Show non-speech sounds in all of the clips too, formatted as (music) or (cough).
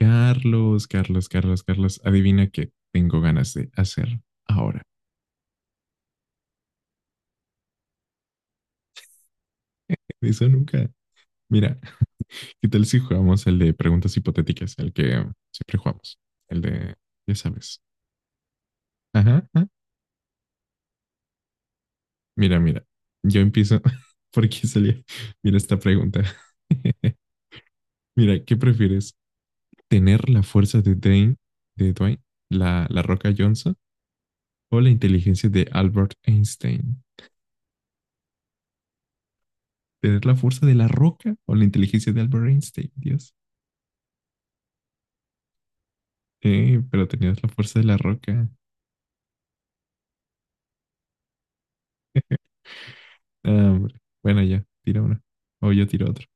Carlos, Carlos, Carlos, Carlos, adivina qué tengo ganas de hacer ahora. Eso nunca. Mira, ¿qué tal si jugamos el de preguntas hipotéticas, el que siempre jugamos? El de, ya sabes. Ajá, ajá. Mira, mira, yo empiezo (laughs) porque salía. Mira esta pregunta. (laughs) Mira, ¿qué prefieres? ¿Tener la fuerza de Dwayne, de Dwayne, la Roca Johnson, o la inteligencia de Albert Einstein? ¿Tener la fuerza de la Roca o la inteligencia de Albert Einstein? Dios. Sí, pero tenías la fuerza de la roca. Ah, hombre. Bueno, ya, tira una. O yo tiro otra.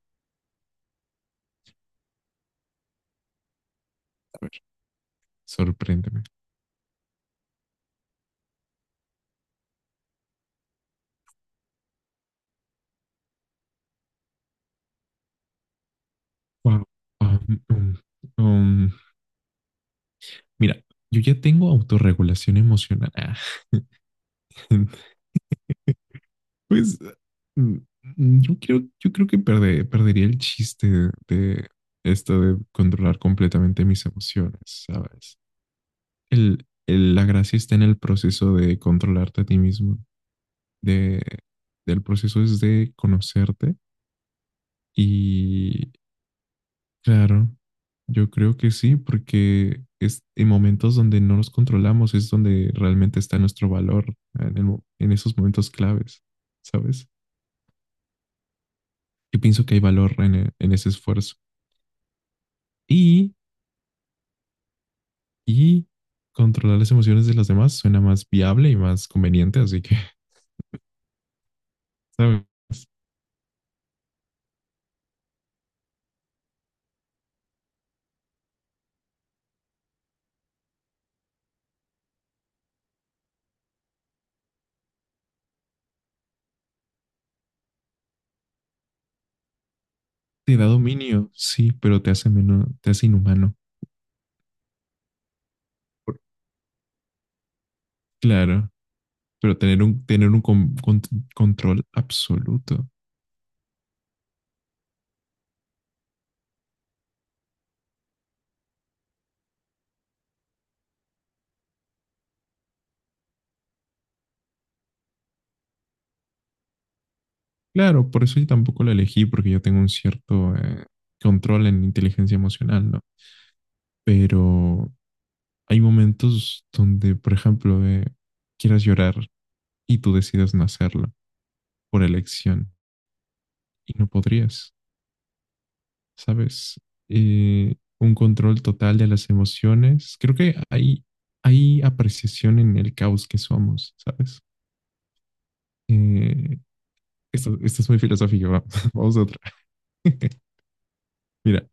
A ver, sorpréndeme. Wow. Um, um, um, mira, yo ya tengo autorregulación emocional. Ah, (laughs) pues mm, yo creo que perdería el chiste de esto de controlar completamente mis emociones, ¿sabes? La gracia está en el proceso de controlarte a ti mismo, de, del proceso es de conocerte. Y claro, yo creo que sí, porque es en momentos donde no nos controlamos es donde realmente está nuestro valor, en, en esos momentos claves, ¿sabes? Yo pienso que hay valor en, en ese esfuerzo. Y, y controlar las emociones de los demás suena más viable y más conveniente, así que, (laughs) ¿sabes? Te da dominio, sí, pero te hace menos, te hace inhumano. Por- Claro, pero tener un, control absoluto. Claro, por eso yo tampoco la elegí, porque yo tengo un cierto control en inteligencia emocional, ¿no? Pero hay momentos donde, por ejemplo, quieras llorar y tú decidas no hacerlo por elección y no podrías, ¿sabes? Un control total de las emociones. Creo que hay apreciación en el caos que somos, ¿sabes? Eh, esto es muy filosófico, (laughs) vamos a otra. (laughs) Mira,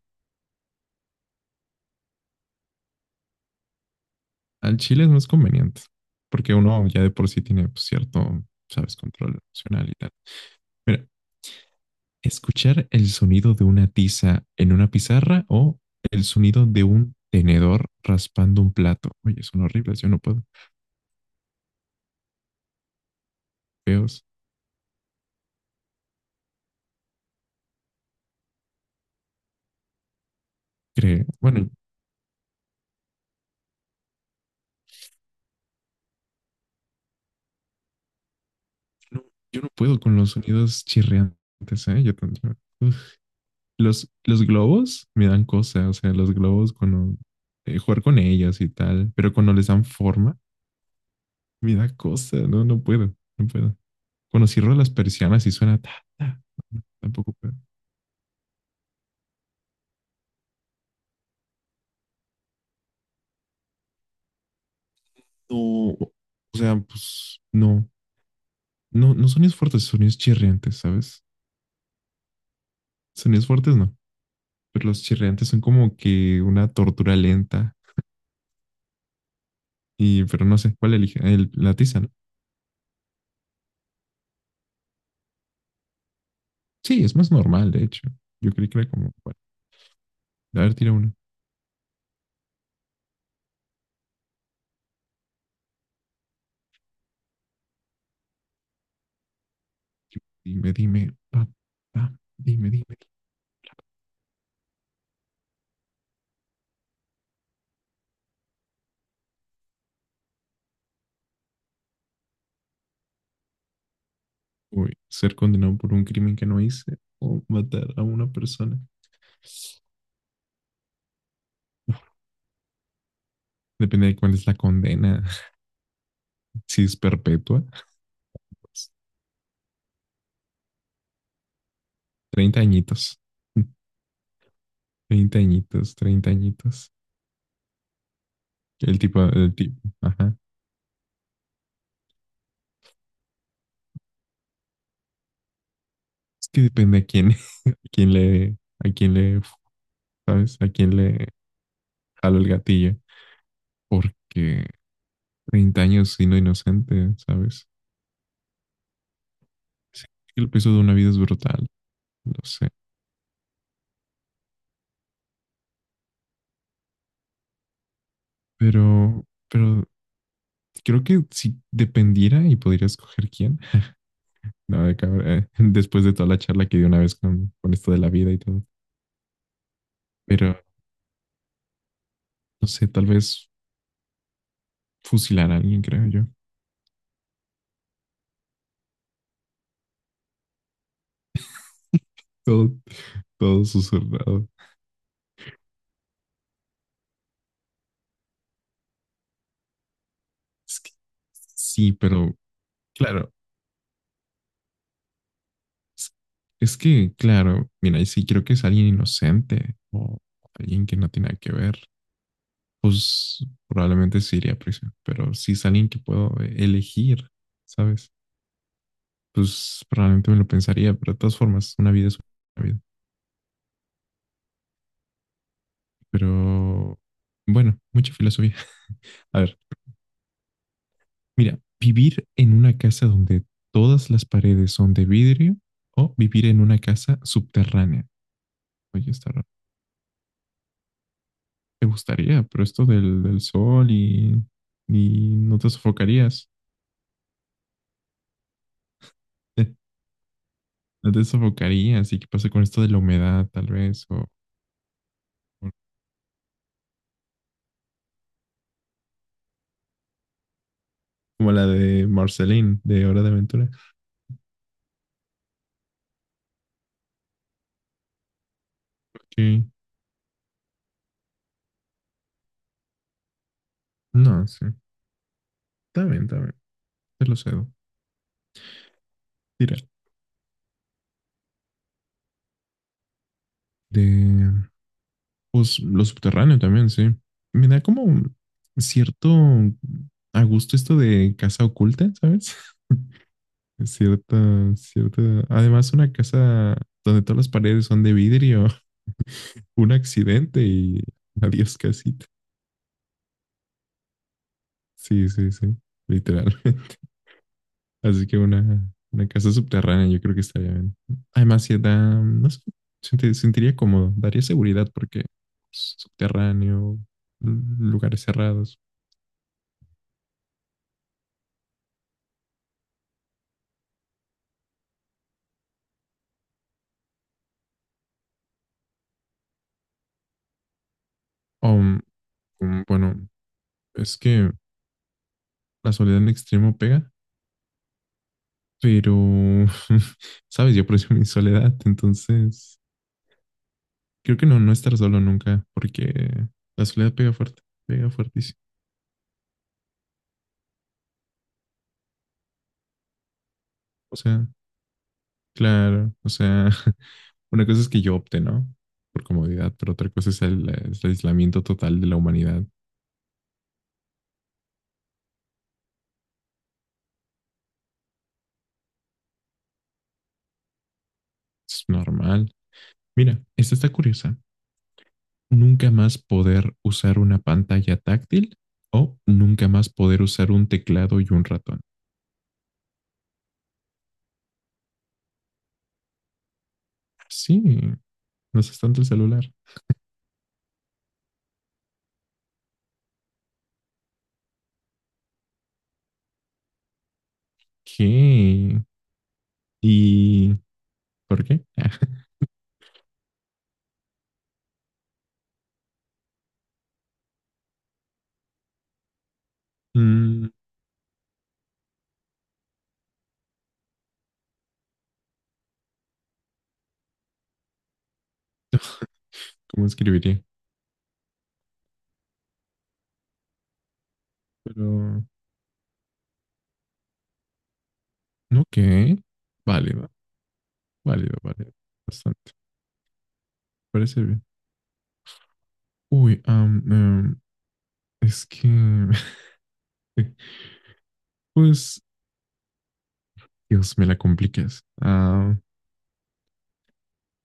al chile no es más conveniente, porque uno ya de por sí tiene pues, cierto, sabes, control emocional y tal. Mira, escuchar el sonido de una tiza en una pizarra o el sonido de un tenedor raspando un plato. Oye, son horribles, yo no puedo. Feos, creo. Bueno, no, yo no puedo con los sonidos chirriantes, ¿eh? Uf. Los globos me dan cosas, o sea, los globos cuando jugar con ellos y tal, pero cuando les dan forma, me da cosa, no, no puedo, no puedo. Cuando cierro las persianas y suena ta, ta, bueno, tampoco, pero no, o sea, pues no, no, no sonidos fuertes, sonidos chirriantes, ¿sabes? Sonidos fuertes no, pero los chirriantes son como que una tortura lenta y, pero no sé, ¿cuál elige? La tiza, ¿no? Sí, es más normal, de hecho. Yo creí que era como, bueno, a ver, tira uno. Dime, dime, pa, pa, dime, dime. Uy, ser condenado por un crimen que no hice o matar a una persona. Depende de cuál es la condena, (laughs) si es perpetua. Pues, 30 añitos. 30 añitos, 30 añitos. El tipo, ajá. Es que depende a quién, (laughs) a quién le, a quién le, ¿sabes? A quién le jalo el gatillo. Porque 30 años siendo inocente, ¿sabes? Sí, el peso de una vida es brutal, lo sé. Pero creo que si dependiera y podría escoger quién. No, (laughs) después de toda la charla que di una vez con esto de la vida y todo. Pero, no sé, tal vez fusilar a alguien, creo yo. Todo, todo susurrado. Es que sí, pero claro, es, claro, mira, y si creo que es alguien inocente o alguien que no tiene nada que ver, pues probablemente sí iría a prisión. Pero si es alguien que puedo elegir, ¿sabes? Pues probablemente me lo pensaría, pero de todas formas, una vida es una vida. Pero bueno, mucha filosofía. (laughs) A ver, mira, vivir en una casa donde todas las paredes son de vidrio o vivir en una casa subterránea. Oye, está raro. Te gustaría, pero esto del sol y no te sofocarías. (laughs) No te sofocarías. ¿Y qué pasa con esto de la humedad, tal vez? O como la de Marceline, de Hora de Aventura. Ok. No, sí. Está bien, está bien. Te lo cedo. Tira. De, pues, lo subterráneo también, sí. Me da como un cierto a gusto esto de casa oculta, ¿sabes? (laughs) Cierta, cierta. Además, una casa donde todas las paredes son de vidrio. Un accidente y adiós casita. Sí, sí, sí, literal. (laughs) Así que una casa subterránea yo creo que estaría bien. Además, si da, no sé, sentiría cómodo, daría seguridad porque subterráneo, lu- lugares cerrados. O, bueno, es que la soledad en extremo pega, pero, (laughs) sabes, yo aprecio mi soledad, entonces creo que no, no estar solo nunca porque la soledad pega fuerte, pega fuertísimo. O sea, claro, o sea, (laughs) una cosa es que yo opte, ¿no? Por comodidad, pero otra cosa es es el aislamiento total de la humanidad. Es normal. Mira, esta está curiosa. Nunca más poder usar una pantalla táctil o nunca más poder usar un teclado y un ratón. Sí, no es tanto el celular. ¿Qué? ¿Y por qué? (laughs) Mm, ¿cómo escribiría? Pero, no, ¿qué? Válido, válido, válido. Bastante. Parece bien. Uy, es que, (laughs) pues, Dios, me la complicas. Ah,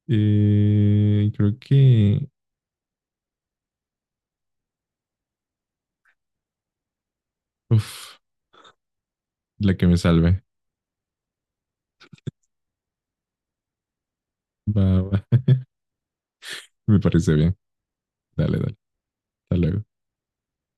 creo que, uf, la que me salve. Va, va. (laughs) Me parece bien. Dale, dale. Hasta luego.